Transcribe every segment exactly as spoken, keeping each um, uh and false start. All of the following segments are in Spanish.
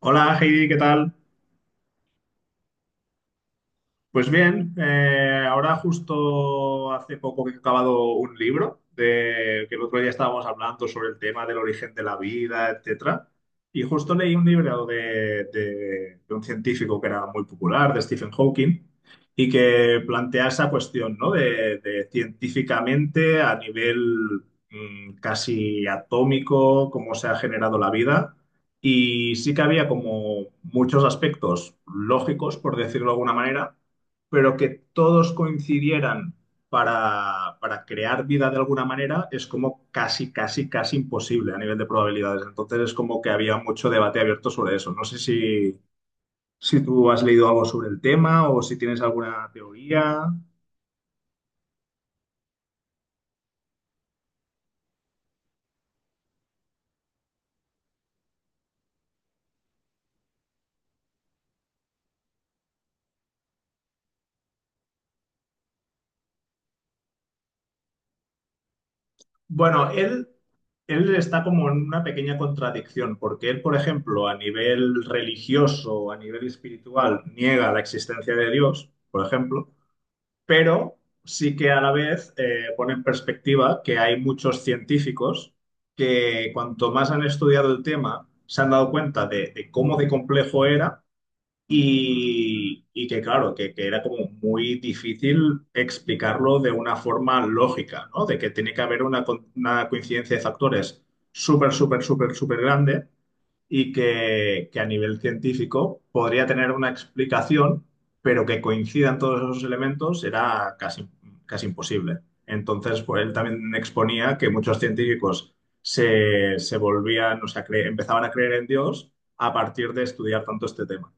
Hola Heidi, ¿qué tal? Pues bien, eh, ahora justo hace poco que he acabado un libro de que el otro día estábamos hablando sobre el tema del origen de la vida, etcétera. Y justo leí un libro de, de- de un científico que era muy popular, de Stephen Hawking, y que plantea esa cuestión, ¿no? De, de científicamente a nivel mm, casi atómico, cómo se ha generado la vida. Y sí que había como muchos aspectos lógicos, por decirlo de alguna manera, pero que todos coincidieran para, para crear vida de alguna manera es como casi, casi, casi imposible a nivel de probabilidades. Entonces es como que había mucho debate abierto sobre eso. No sé si, si tú has leído algo sobre el tema o si tienes alguna teoría. Bueno, él, él está como en una pequeña contradicción, porque él, por ejemplo, a nivel religioso, a nivel espiritual, niega la existencia de Dios, por ejemplo. Pero sí que a la vez eh, pone en perspectiva que hay muchos científicos que cuanto más han estudiado el tema, se han dado cuenta de, de cómo de complejo era y, y que claro, que, que era como muy difícil explicarlo de una forma lógica, ¿no? De que tiene que haber una, co- una coincidencia de factores súper, súper, súper, súper grande y que, que a nivel científico podría tener una explicación, pero que coincidan todos esos elementos era casi, casi imposible. Entonces, pues, él también exponía que muchos científicos se, se volvían, o sea, cre- empezaban a creer en Dios a partir de estudiar tanto este tema.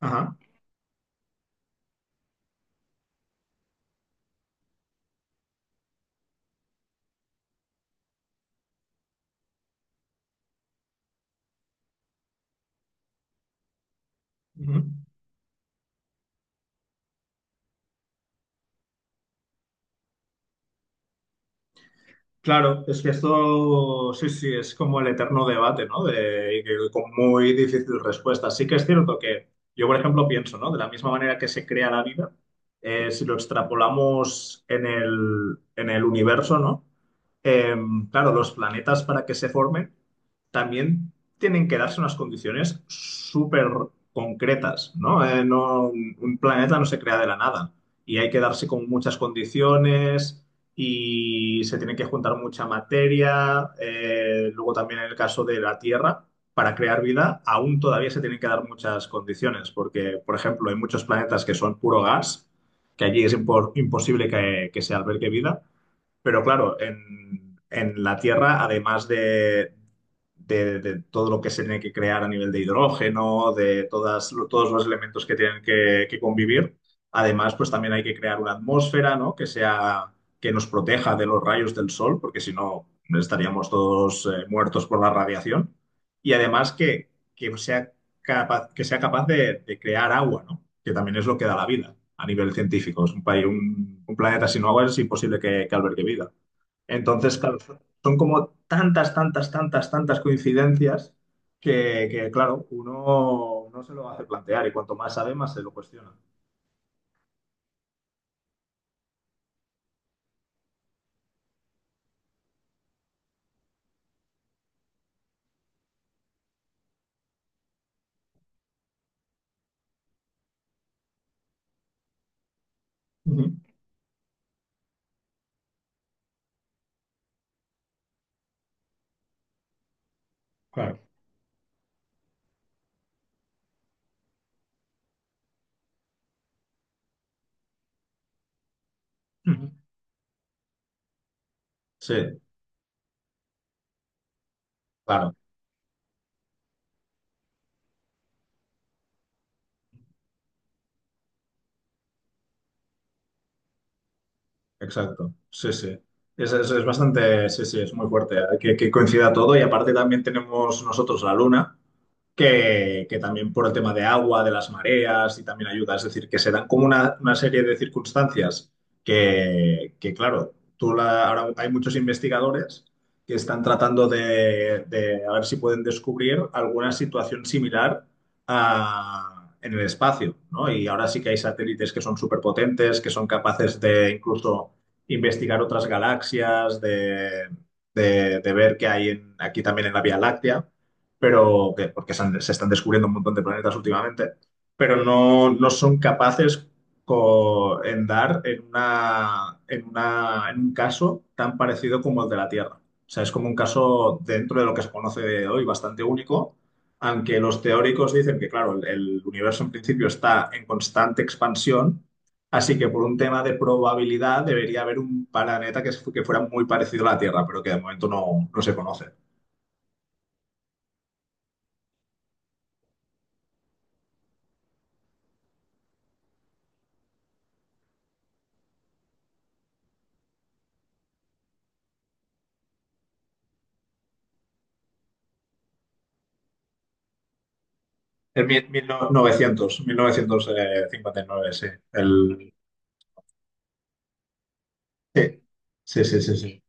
Ajá. Ujú. Claro, es que esto sí, sí, es como el eterno debate, ¿no? De, y que con muy difícil respuesta. Sí que es cierto que yo, por ejemplo, pienso, ¿no? De la misma manera que se crea la vida, eh, si lo extrapolamos en el, en el universo, ¿no? Eh, claro, los planetas para que se formen también tienen que darse unas condiciones súper concretas, ¿no? Eh, no- Un planeta no se crea de la nada y hay que darse con muchas condiciones y se tiene que juntar mucha materia. eh, luego también en el caso de la Tierra, para crear vida aún todavía se tienen que dar muchas condiciones porque, por ejemplo, hay muchos planetas que son puro gas, que allí es impor- imposible que que se albergue vida. Pero claro, en, en la Tierra, además de, de, de todo lo que se tiene que crear a nivel de hidrógeno, de todas, todos los elementos que tienen que, que convivir, además, pues también hay que crear una atmósfera, ¿no? Que sea, que nos proteja de los rayos del sol, porque si no, estaríamos todos eh, muertos por la radiación. Y además que, que sea capaz, que sea capaz de, de crear agua, ¿no? Que también es lo que da la vida a nivel científico. Es un país, un, un planeta sin agua es imposible que, que albergue vida. Entonces, claro, son son como tantas, tantas, tantas, tantas coincidencias que, que, claro, uno no se lo hace plantear y cuanto más sabe, más se lo cuestiona. Claro. Ujú. Sí, claro. Exacto, sí, sí. Es, es, es bastante, sí, sí, es muy fuerte, ¿eh? que, que coincida todo y aparte también tenemos nosotros la luna, que, que también por el tema de agua, de las mareas y también ayuda, es decir, que se dan como una, una serie de circunstancias que, que, claro, tú la- ahora hay muchos investigadores que están tratando de, de a ver si pueden descubrir alguna situación similar a- en el espacio, ¿no? Y ahora sí que hay satélites que son superpotentes, que son capaces de incluso investigar otras galaxias, de, de- de ver qué hay en- aquí también en la Vía Láctea, pero que- porque se, han- se están descubriendo un montón de planetas últimamente, pero no, no son capaces co- en dar en una, en una, en un caso tan parecido como el de la Tierra. O sea, es como un caso dentro de lo que se conoce de hoy bastante único, aunque los teóricos dicen que, claro, el el universo en principio está en constante expansión. Así que por un tema de probabilidad debería haber un planeta que, se- que fuera muy parecido a la Tierra, pero que de momento no, no se conoce. En mil- 1900, mil novecientos eh, cincuenta y nueve sí. El, sí, sí, sí, sí, sí,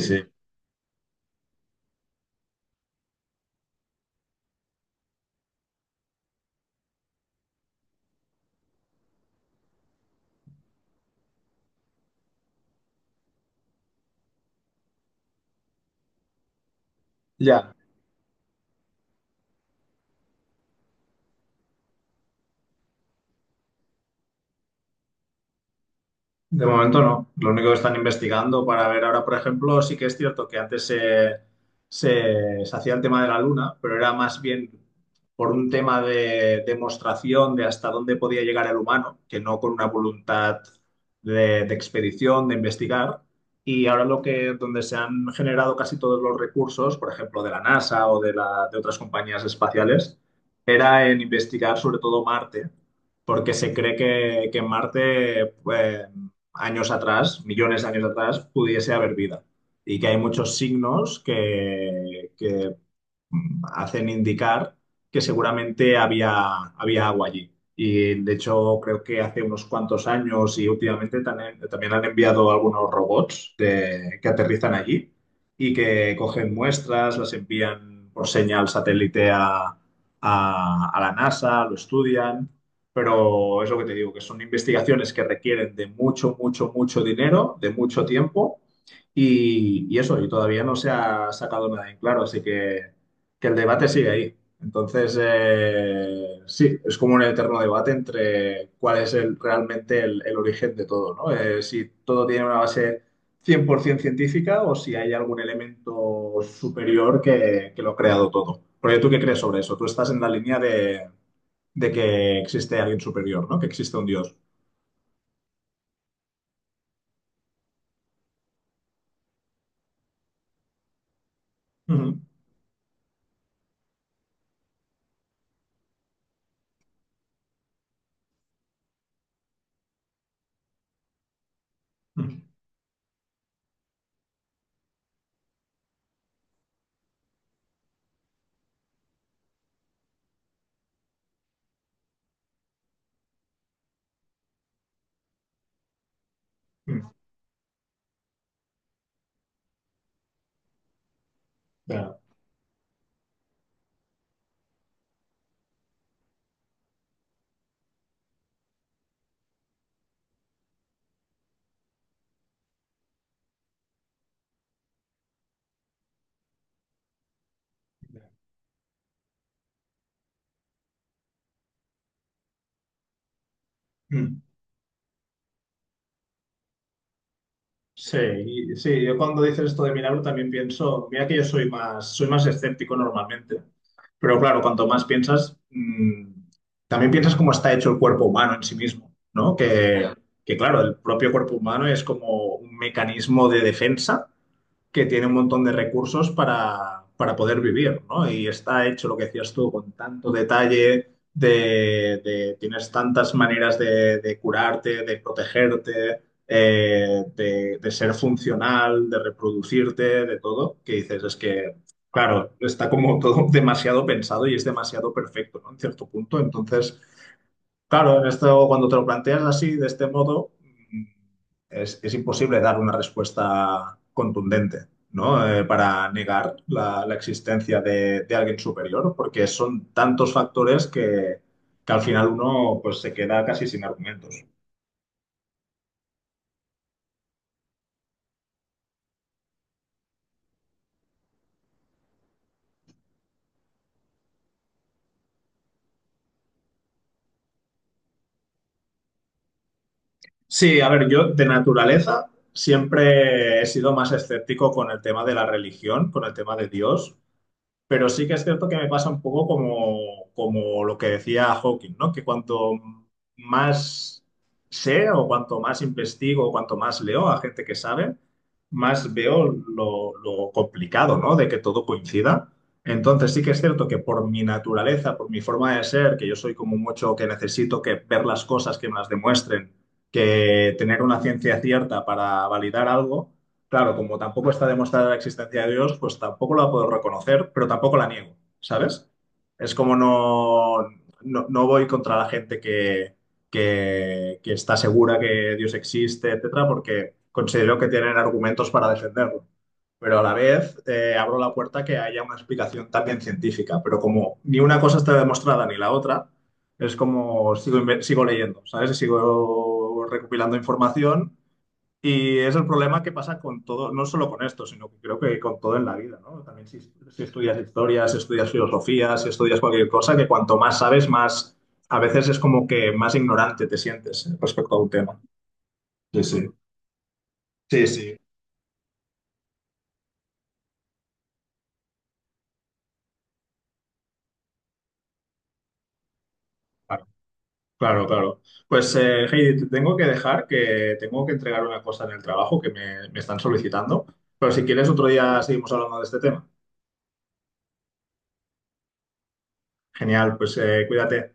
sí, sí. Ya. De momento no. Lo único que están investigando para ver ahora, por ejemplo, sí que es cierto que antes se, se, se hacía el tema de la luna, pero era más bien por un tema de demostración de hasta dónde podía llegar el humano, que no con una voluntad de, de expedición, de investigar. Y ahora lo que, donde se han generado casi todos los recursos, por ejemplo, de la NASA o de, la, de otras compañías espaciales, era en investigar sobre todo Marte porque se cree que, que en Marte pues, años atrás, millones de años atrás, pudiese haber vida. Y que hay muchos signos que, que mm, hacen indicar que seguramente había, había agua allí. Y de hecho, creo que hace unos cuantos años y últimamente también, también han enviado algunos robots de- que aterrizan allí y que cogen muestras, las envían por señal satélite a, a a la NASA, lo estudian. Pero es lo que te digo, que son investigaciones que requieren de mucho, mucho, mucho dinero, de mucho tiempo y, y eso, y todavía no se ha sacado nada en claro, así que que el debate sigue ahí. Entonces, eh, sí, es como un eterno debate entre cuál es el, realmente el, el origen de todo, ¿no? Eh, si todo tiene una base cien por ciento científica o si hay algún elemento superior que, que lo ha creado todo. ¿Porque tú qué crees sobre eso? Tú estás en la línea de, de que existe alguien superior, ¿no? Que existe un dios. Ujú, ujú, ujú. Claro. Sí, y- sí, yo cuando dices esto de milagro también pienso, mira que yo soy más, soy más escéptico normalmente, pero claro, cuanto más piensas, mm, también piensas cómo está hecho el cuerpo humano en sí mismo, ¿no? Que, que claro, el propio cuerpo humano es como un mecanismo de defensa que tiene un montón de recursos para, para poder vivir, ¿no? Y está hecho lo que decías tú con tanto detalle, de, de- tienes tantas maneras de, de curarte, de protegerte, eh, de, de ser funcional, de reproducirte, de todo, que dices, es que, claro, está como todo demasiado pensado y es demasiado perfecto, ¿no? En cierto punto, entonces... Claro, en esto, cuando te lo planteas así, de este modo, mm, es, es imposible dar una respuesta contundente, ¿no? Eh, para negar la, la existencia de, de alguien superior, porque son tantos factores que, que al final uno pues, se queda casi sin argumentos. Sí, a ver, yo de naturaleza siempre he sido más escéptico con el tema de la religión, con el tema de Dios. Pero sí que es cierto que me pasa un poco como, como lo que decía Hawking, ¿no? Que cuanto más sé o cuanto más investigo o cuanto más leo a gente que sabe, más veo lo, lo complicado, ¿no? De que todo coincida. Entonces sí que es cierto que por mi naturaleza, por mi forma de ser, que yo soy como mucho que necesito que ver las cosas que me las demuestren, que tener una ciencia cierta para validar algo. Claro, como tampoco está demostrada la existencia de Dios, pues tampoco la puedo reconocer, pero tampoco la niego, ¿sabes? Es como no, no, no voy contra la gente que, que, que está segura que Dios existe, etcétera, porque considero que tienen argumentos para defenderlo. Pero a la vez eh, abro la puerta a que haya una explicación también científica, pero como ni una cosa está demostrada ni la otra, es como sigo, inve- sigo leyendo, ¿sabes? Y sigo recopilando información y es el problema que pasa con todo, no solo con esto, sino que creo que con todo en la vida, ¿no? También si, si estudias historias, si estudias filosofía, si estudias cualquier cosa, que cuanto más sabes, más, a veces es como que más ignorante te sientes respecto a un tema. Sí, sí. Sí, sí. Claro, claro. Claro. Pues, eh, Heidi, te tengo que dejar, que tengo que entregar una cosa en el trabajo que me, me están solicitando, pero si quieres otro día seguimos hablando de este tema. Genial, pues eh, cuídate.